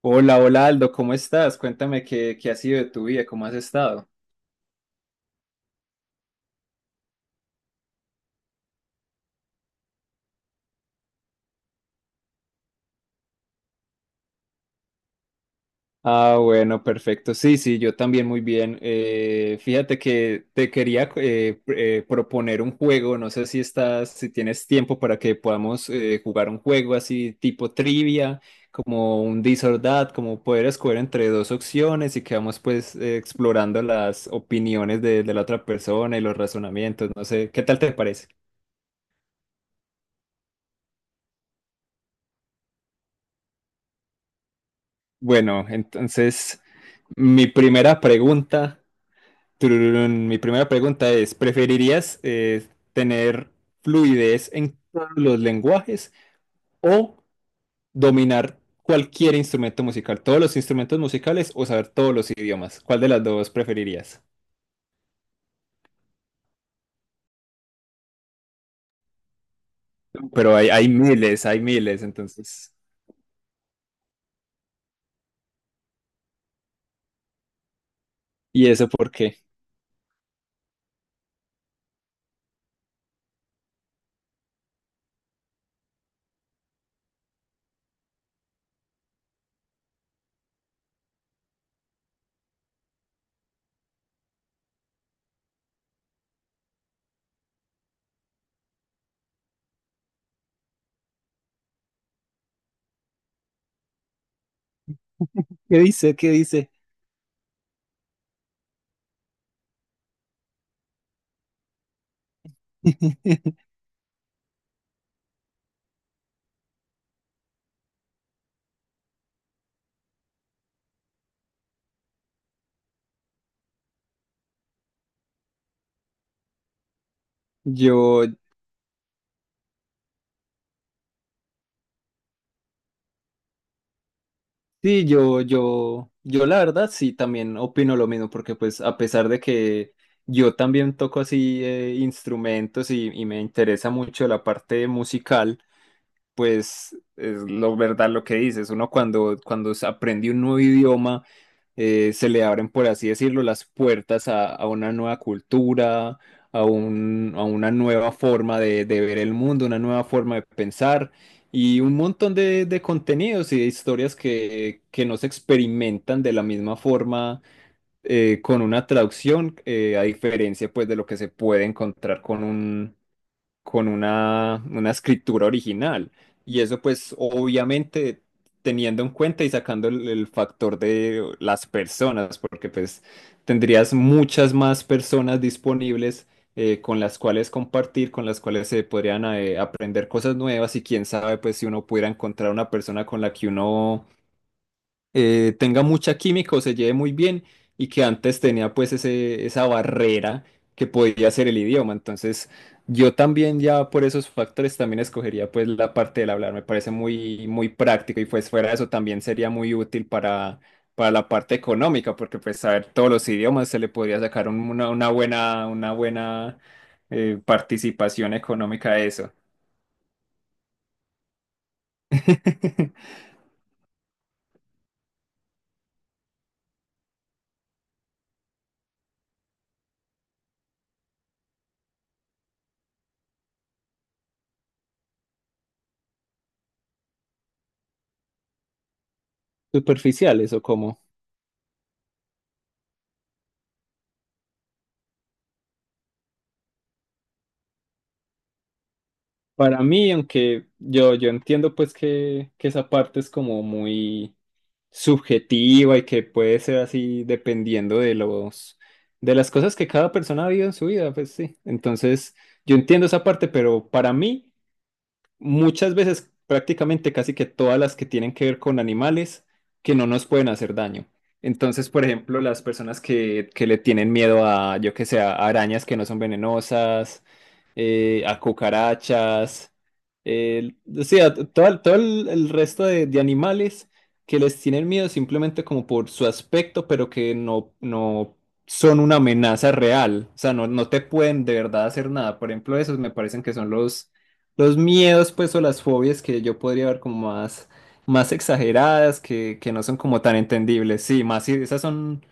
Hola, hola Aldo, ¿cómo estás? Cuéntame qué ha sido de tu vida, cómo has estado. Ah, bueno, perfecto. Sí, sí, yo también muy bien. Fíjate que te quería proponer un juego. No sé si estás, si tienes tiempo para que podamos jugar un juego así tipo trivia, como un This or That, como poder escoger entre dos opciones y que vamos pues explorando las opiniones de la otra persona y los razonamientos. No sé, ¿qué tal te parece? Bueno, entonces mi primera pregunta, tururún, mi primera pregunta es, ¿preferirías tener fluidez en todos los lenguajes o dominar cualquier instrumento musical, todos los instrumentos musicales o saber todos los idiomas? ¿Cuál de las dos preferirías? Pero hay miles, hay miles, entonces. ¿Y eso por qué? ¿Qué dice? ¿Qué dice? Yo, Sí, yo la verdad sí también opino lo mismo, porque pues a pesar de que yo también toco así instrumentos y me interesa mucho la parte musical, pues es lo verdad lo que dices, uno cuando se aprende un nuevo idioma, se le abren, por así decirlo, las puertas a una nueva cultura, a una nueva forma de ver el mundo, una nueva forma de pensar y un montón de contenidos y de historias que no se experimentan de la misma forma con una traducción, a diferencia pues de lo que se puede encontrar con un con una escritura original. Y eso pues obviamente teniendo en cuenta y sacando el factor de las personas, porque pues tendrías muchas más personas disponibles con las cuales compartir, con las cuales se podrían aprender cosas nuevas y quién sabe pues si uno pudiera encontrar una persona con la que uno tenga mucha química o se lleve muy bien y que antes tenía pues esa barrera que podía ser el idioma. Entonces yo también ya por esos factores también escogería pues la parte del hablar, me parece muy, muy práctico y pues fuera de eso también sería muy útil para la parte económica porque pues saber todos los idiomas se le podría sacar una buena participación económica a eso. ¿Superficiales o cómo? Para mí, aunque yo entiendo pues que esa parte es como muy subjetiva y que puede ser así dependiendo de los de las cosas que cada persona ha vivido en su vida, pues sí. Entonces, yo entiendo esa parte, pero para mí muchas veces, prácticamente casi que todas las que tienen que ver con animales que no nos pueden hacer daño. Entonces, por ejemplo, las personas que le tienen miedo a, yo que sé, a arañas que no son venenosas, a cucarachas, o sea, todo, todo el resto de animales que les tienen miedo simplemente como por su aspecto, pero que no son una amenaza real. O sea, no te pueden de verdad hacer nada. Por ejemplo, esos me parecen que son los miedos, pues, o las fobias que yo podría ver como más, más exageradas, que no son como tan entendibles. Sí, más si esas son,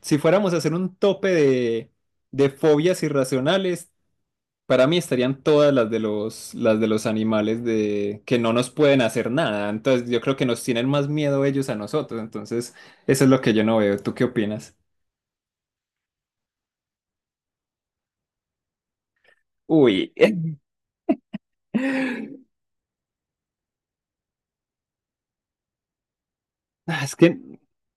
si fuéramos a hacer un tope de fobias irracionales, para mí estarían todas las de las de los animales de, que no nos pueden hacer nada. Entonces, yo creo que nos tienen más miedo ellos a nosotros. Entonces, eso es lo que yo no veo. ¿Tú qué opinas? Uy, Ah, es que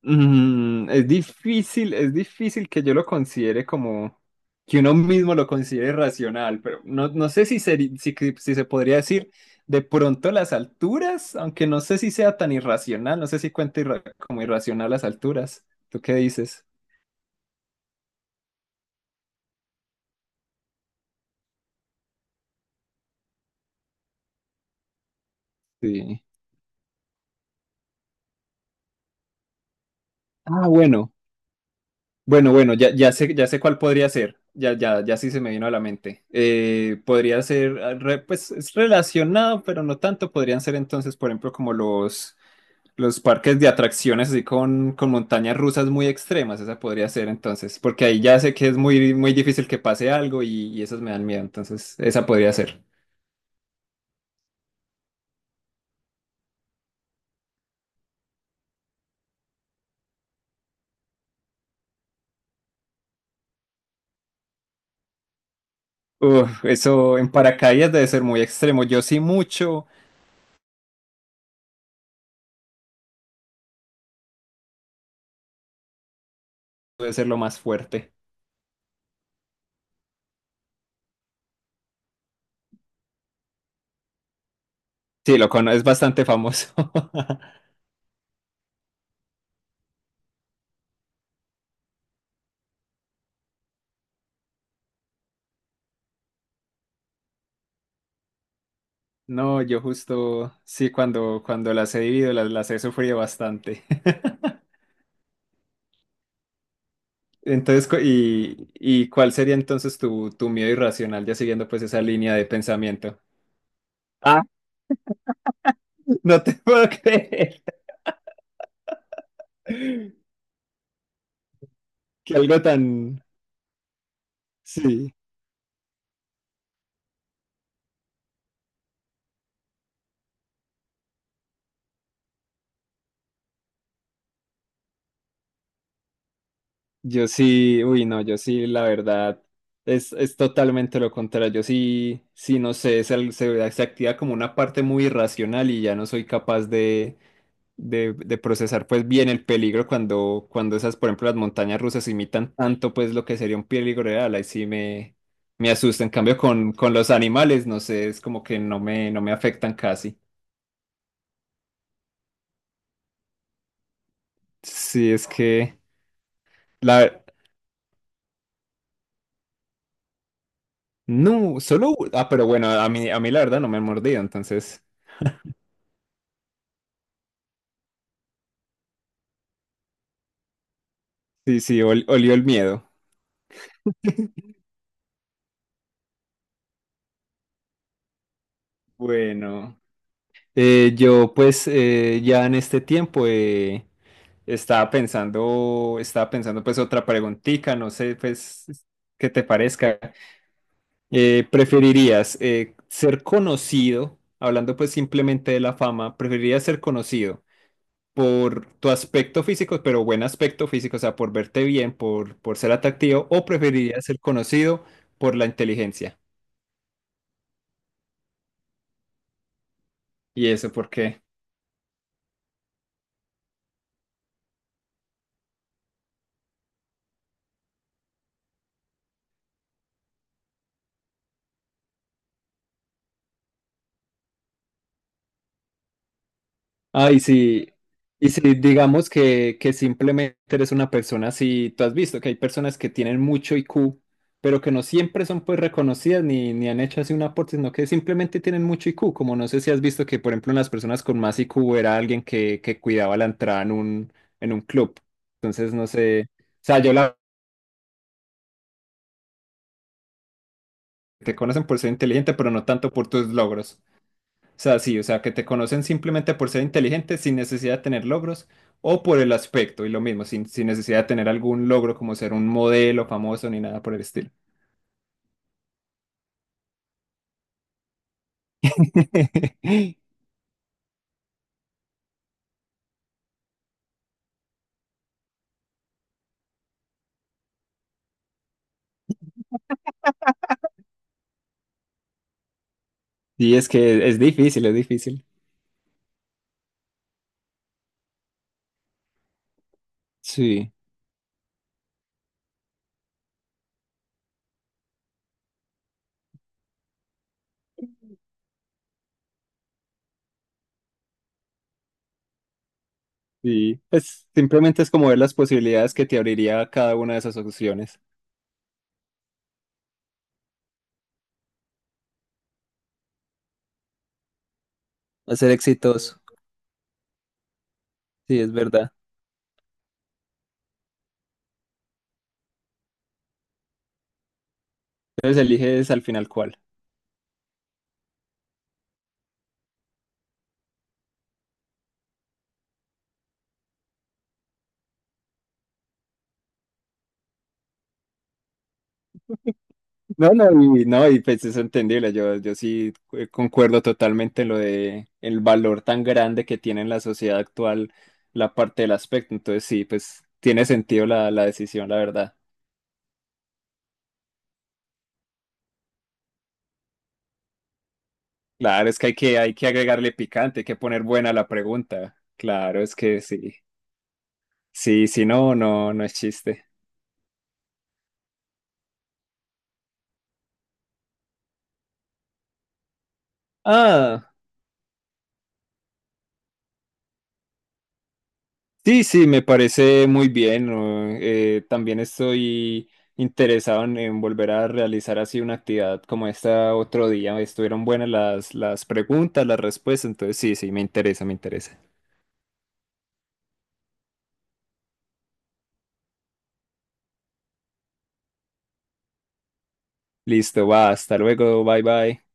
mm, es difícil que yo lo considere como que uno mismo lo considere racional, pero no, no sé si, si se podría decir de pronto las alturas, aunque no sé si sea tan irracional, no sé si cuenta como irracional las alturas. ¿Tú qué dices? Sí. Ah, bueno, bueno, bueno, ya, ya sé cuál podría ser. Ya, ya, ya sí se me vino a la mente. Podría ser, ah, pues es relacionado, pero no tanto. Podrían ser entonces, por ejemplo, como los parques de atracciones así con montañas rusas muy extremas, esa podría ser entonces, porque ahí ya sé que es muy, muy difícil que pase algo y esas me dan miedo, entonces esa podría ser. Uf, eso en paracaídas debe ser muy extremo, yo sí mucho, debe ser lo más fuerte. Sí, lo conozco, es bastante famoso. No, yo justo, sí, cuando las he vivido, las he sufrido bastante. Entonces, ¿y cuál sería entonces tu miedo irracional, ya siguiendo pues esa línea de pensamiento? No te puedo creer que algo tan... Sí, yo sí, uy, no, yo sí, la verdad, es totalmente lo contrario. Yo sí, sí, no sé, se activa como una parte muy irracional y ya no soy capaz de procesar pues bien el peligro cuando esas, por ejemplo, las montañas rusas imitan tanto pues lo que sería un peligro real. Ahí sí me asusta. En cambio, con los animales, no sé, es como que no no me afectan casi. Sí, es que la... No, solo... Ah, pero bueno, a mí la verdad no me han mordido, entonces sí, sí, olió el miedo. Bueno, yo pues ya en este tiempo estaba pensando pues otra preguntita, no sé pues qué te parezca. ¿Preferirías ser conocido, hablando pues simplemente de la fama, preferirías ser conocido por tu aspecto físico, pero buen aspecto físico, o sea, por verte bien, por ser atractivo, o preferirías ser conocido por la inteligencia. ¿Y eso por qué? Ah, y si digamos que simplemente eres una persona así, tú has visto que hay personas que tienen mucho IQ, pero que no siempre son pues reconocidas ni, ni han hecho así un aporte, sino que simplemente tienen mucho IQ, como no sé si has visto que, por ejemplo, en las personas con más IQ era alguien que cuidaba la entrada en un club. Entonces, no sé. O sea, yo la te conocen por ser inteligente, pero no tanto por tus logros. O sea, sí, o sea, que te conocen simplemente por ser inteligente sin necesidad de tener logros o por el aspecto y lo mismo, sin, sin necesidad de tener algún logro como ser un modelo famoso ni nada por el estilo. Y es que es difícil, es difícil. Sí. Y pues simplemente es como ver las posibilidades que te abriría cada una de esas opciones. A ser exitoso. Sí, es verdad. Entonces eliges al final cuál. No, no, y, no, y pues es entendible. Yo sí concuerdo totalmente en lo de el valor tan grande que tiene en la sociedad actual la parte del aspecto. Entonces sí, pues tiene sentido la, la decisión, la verdad. Claro, es que hay que, hay que agregarle picante, hay que poner buena la pregunta. Claro, es que sí. Sí, sí, no, no, no es chiste. Ah. Sí, sí, me parece muy bien. ¿No? También estoy interesado en volver a realizar así una actividad como esta otro día. Estuvieron buenas las preguntas, las respuestas, entonces sí, sí, me interesa, me interesa. Listo, va, hasta luego, bye bye.